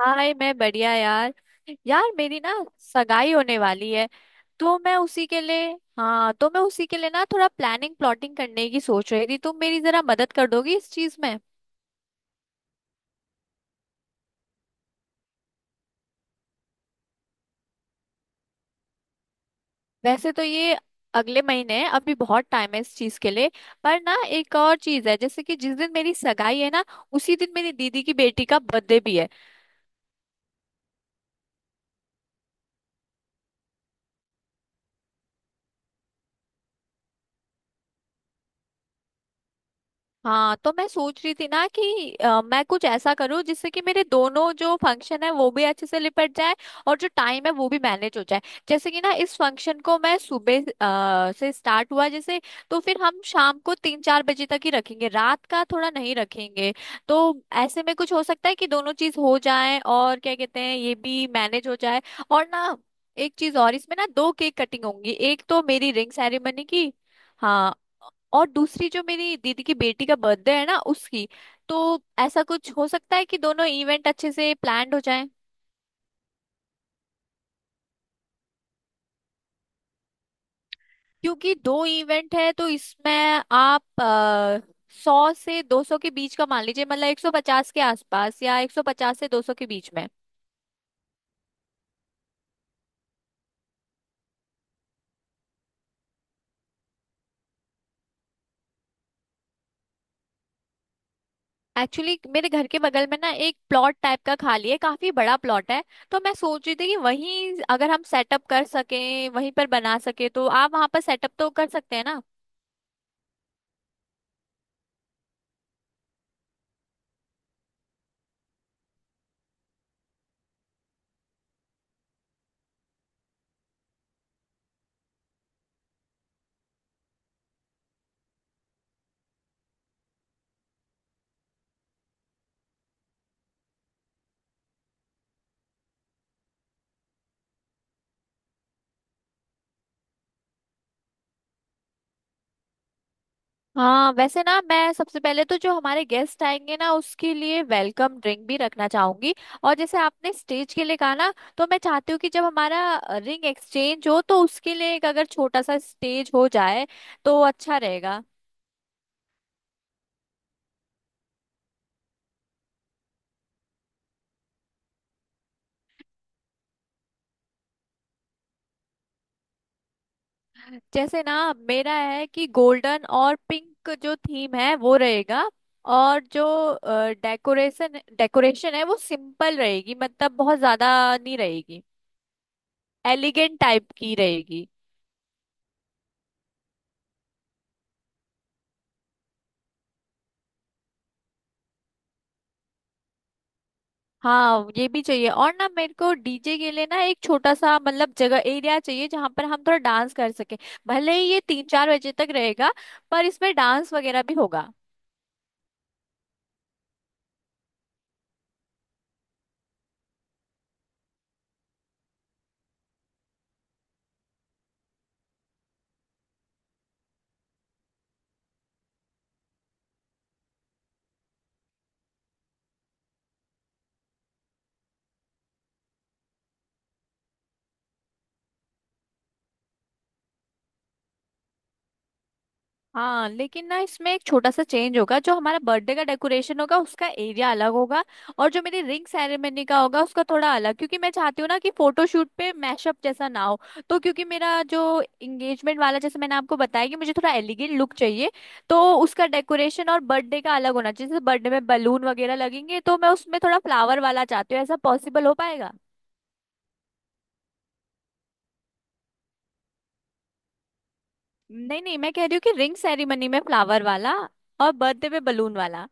हाय मैं बढ़िया यार। यार, मेरी ना सगाई होने वाली है। तो मैं उसी के लिए हाँ तो मैं उसी के लिए ना थोड़ा प्लानिंग प्लॉटिंग करने की सोच रही थी। तुम मेरी जरा मदद कर दोगी इस चीज में? वैसे तो ये अगले महीने है, अभी बहुत टाइम है इस चीज के लिए। पर ना एक और चीज है, जैसे कि जिस दिन मेरी सगाई है ना, उसी दिन मेरी दीदी की बेटी का बर्थडे भी है। हाँ, तो मैं सोच रही थी ना कि मैं कुछ ऐसा करूँ जिससे कि मेरे दोनों जो फंक्शन है वो भी अच्छे से निपट जाए और जो टाइम है वो भी मैनेज हो जाए। जैसे कि ना इस फंक्शन को मैं सुबह से स्टार्ट हुआ जैसे, तो फिर हम शाम को 3 4 बजे तक ही रखेंगे, रात का थोड़ा नहीं रखेंगे। तो ऐसे में कुछ हो सकता है कि दोनों चीज हो जाए और क्या कहते हैं, ये भी मैनेज हो जाए। और ना एक चीज और, इसमें ना दो केक कटिंग होंगी। एक तो मेरी रिंग सेरेमनी की। हाँ, और दूसरी जो मेरी दीदी की बेटी का बर्थडे है ना, उसकी। तो ऐसा कुछ हो सकता है कि दोनों इवेंट अच्छे से प्लान्ड हो जाएं। क्योंकि दो इवेंट है तो इसमें आप 100 से 200 के बीच का मान लीजिए, मतलब 150 के आसपास या 150 से 200 के बीच में। एक्चुअली मेरे घर के बगल में ना एक प्लॉट टाइप का खाली है, काफी बड़ा प्लॉट है। तो मैं सोच रही थी कि वहीं अगर हम सेटअप कर सकें, वहीं पर बना सके तो आप वहां पर सेटअप तो कर सकते हैं ना? हाँ, वैसे ना मैं सबसे पहले तो जो हमारे गेस्ट आएंगे ना, उसके लिए वेलकम ड्रिंक भी रखना चाहूंगी। और जैसे आपने स्टेज के लिए कहा ना, तो मैं चाहती हूँ कि जब हमारा रिंग एक्सचेंज हो तो उसके लिए एक अगर छोटा सा स्टेज हो जाए तो अच्छा रहेगा। जैसे ना मेरा है कि गोल्डन और पिंक जो थीम है वो रहेगा। और जो डेकोरेशन डेकोरेशन है वो सिंपल रहेगी, मतलब बहुत ज्यादा नहीं रहेगी, एलिगेंट टाइप की रहेगी। हाँ, ये भी चाहिए। और ना मेरे को डीजे के लिए ना एक छोटा सा, मतलब जगह, एरिया चाहिए जहाँ पर हम थोड़ा डांस कर सके। भले ही ये 3 4 बजे तक रहेगा, पर इसमें डांस वगैरह भी होगा। हाँ लेकिन ना इसमें एक छोटा सा चेंज होगा, जो हमारा बर्थडे का डेकोरेशन होगा उसका एरिया अलग होगा और जो मेरी रिंग सेरेमनी का होगा उसका थोड़ा अलग। क्योंकि मैं चाहती हूँ ना कि फोटोशूट पे मैशअप जैसा ना हो। तो क्योंकि मेरा जो इंगेजमेंट वाला, जैसे मैंने आपको बताया कि मुझे थोड़ा एलिगेंट लुक चाहिए, तो उसका डेकोरेशन और बर्थडे का अलग होना चाहिए। जैसे बर्थडे में बलून वगैरह लगेंगे, तो मैं उसमें थोड़ा फ्लावर वाला चाहती हूँ, ऐसा पॉसिबल हो पाएगा? नहीं नहीं, मैं कह रही हूँ कि रिंग सेरेमनी में फ्लावर वाला और बर्थडे पे बलून वाला।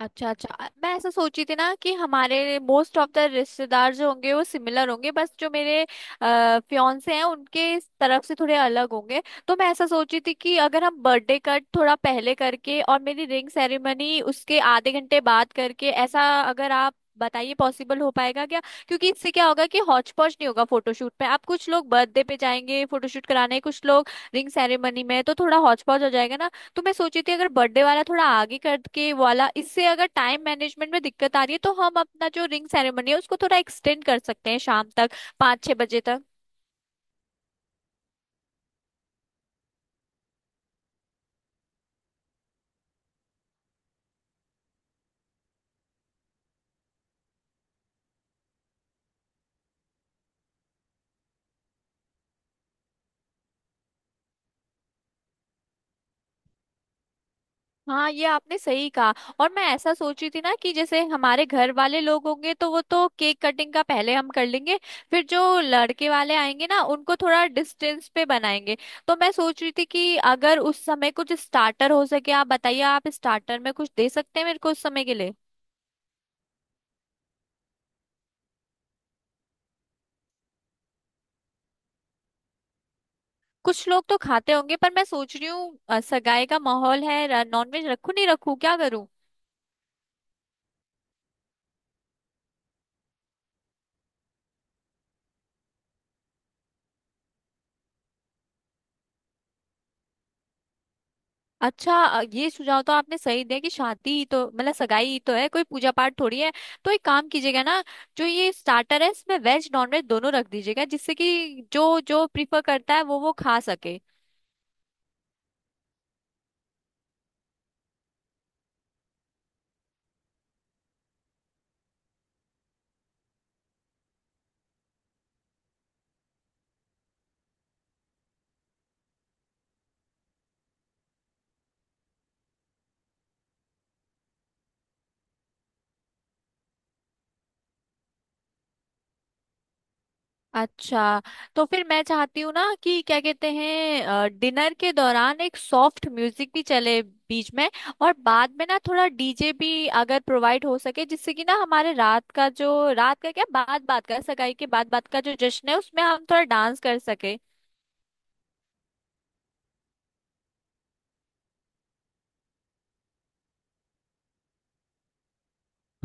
अच्छा अच्छा, मैं ऐसा सोची थी ना कि हमारे मोस्ट ऑफ द रिश्तेदार जो होंगे वो सिमिलर होंगे, बस जो मेरे फियांसे हैं उनके इस तरफ से थोड़े अलग होंगे। तो मैं ऐसा सोची थी कि अगर हम बर्थडे कट थोड़ा पहले करके और मेरी रिंग सेरेमनी उसके आधे घंटे बाद करके, ऐसा अगर आप बताइए पॉसिबल हो पाएगा क्या? क्योंकि इससे क्या होगा कि हौच पौच नहीं होगा। फोटोशूट पे आप, कुछ लोग बर्थडे पे जाएंगे फोटोशूट कराने, कुछ लोग रिंग सेरेमनी में, तो थोड़ा हौच पौच हो जाएगा ना। तो मैं सोची थी अगर बर्थडे वाला थोड़ा आगे करके वाला, इससे अगर टाइम मैनेजमेंट में दिक्कत आ रही है तो हम अपना जो रिंग सेरेमनी है उसको थोड़ा एक्सटेंड कर सकते हैं शाम तक, 5 6 बजे तक। हाँ, ये आपने सही कहा। और मैं ऐसा सोची थी ना कि जैसे हमारे घर वाले लोग होंगे तो वो तो केक कटिंग का पहले हम कर लेंगे। फिर जो लड़के वाले आएंगे ना उनको थोड़ा डिस्टेंस पे बनाएंगे। तो मैं सोच रही थी कि अगर उस समय कुछ स्टार्टर हो सके, आप बताइए आप स्टार्टर में कुछ दे सकते हैं मेरे को उस समय के लिए? कुछ लोग तो खाते होंगे, पर मैं सोच रही हूँ सगाई का माहौल है, नॉनवेज रखूं नहीं रखूं क्या करूं। अच्छा, ये सुझाव तो आपने सही दिया कि शादी ही तो, मतलब सगाई ही तो है, कोई पूजा पाठ थोड़ी है। तो एक काम कीजिएगा ना, जो ये स्टार्टर है इसमें वेज नॉनवेज दोनों रख दीजिएगा, जिससे कि जो जो प्रीफर करता है वो खा सके। अच्छा, तो फिर मैं चाहती हूँ ना कि क्या कहते हैं, डिनर के दौरान एक सॉफ्ट म्यूजिक भी चले बीच में। और बाद में ना थोड़ा डीजे भी अगर प्रोवाइड हो सके, जिससे कि ना हमारे रात का जो रात का क्या बात बात का सगाई के बाद बात का जो जश्न है उसमें हम थोड़ा डांस कर सके।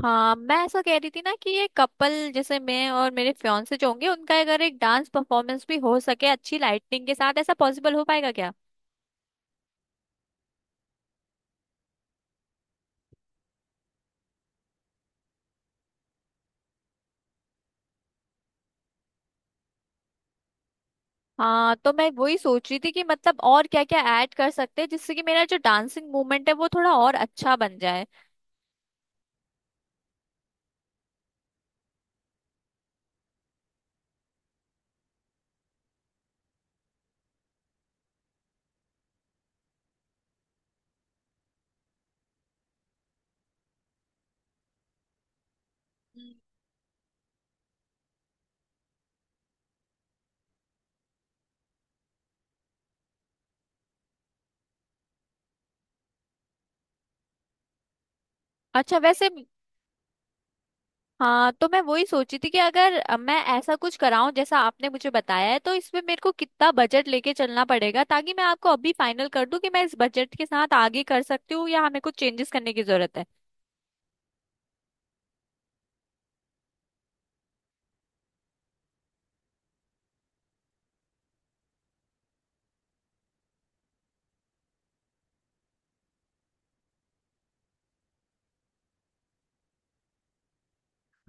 हाँ मैं ऐसा कह रही थी ना कि ये कपल, जैसे मैं और मेरे फियांसे जो होंगे, उनका अगर एक डांस परफॉर्मेंस भी हो सके अच्छी लाइटिंग के साथ, ऐसा पॉसिबल हो पाएगा क्या? हाँ, तो मैं वही सोच रही थी कि मतलब और क्या क्या ऐड कर सकते हैं जिससे कि मेरा जो डांसिंग मूवमेंट है वो थोड़ा और अच्छा बन जाए। अच्छा वैसे, हाँ, तो मैं वही सोची थी कि अगर मैं ऐसा कुछ कराऊं जैसा आपने मुझे बताया है, तो इसमें मेरे को कितना बजट लेके चलना पड़ेगा, ताकि मैं आपको अभी फाइनल कर दूं कि मैं इस बजट के साथ आगे कर सकती हूँ या हमें कुछ चेंजेस करने की जरूरत है।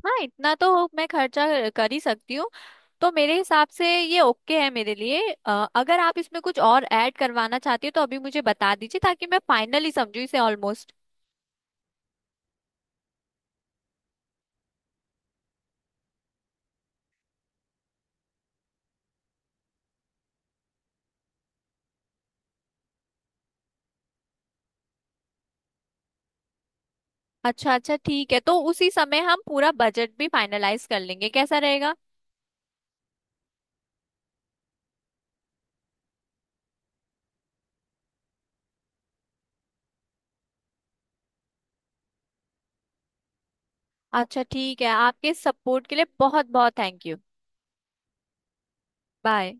हाँ, इतना तो मैं खर्चा कर ही सकती हूँ। तो मेरे हिसाब से ये ओके है मेरे लिए। अ, अगर आप इसमें कुछ और ऐड करवाना चाहती हो तो अभी मुझे बता दीजिए, ताकि मैं फाइनली समझू इसे ऑलमोस्ट। अच्छा अच्छा, ठीक है, तो उसी समय हम पूरा बजट भी फाइनलाइज कर लेंगे, कैसा रहेगा? अच्छा ठीक है, आपके सपोर्ट के लिए बहुत बहुत थैंक यू। बाय।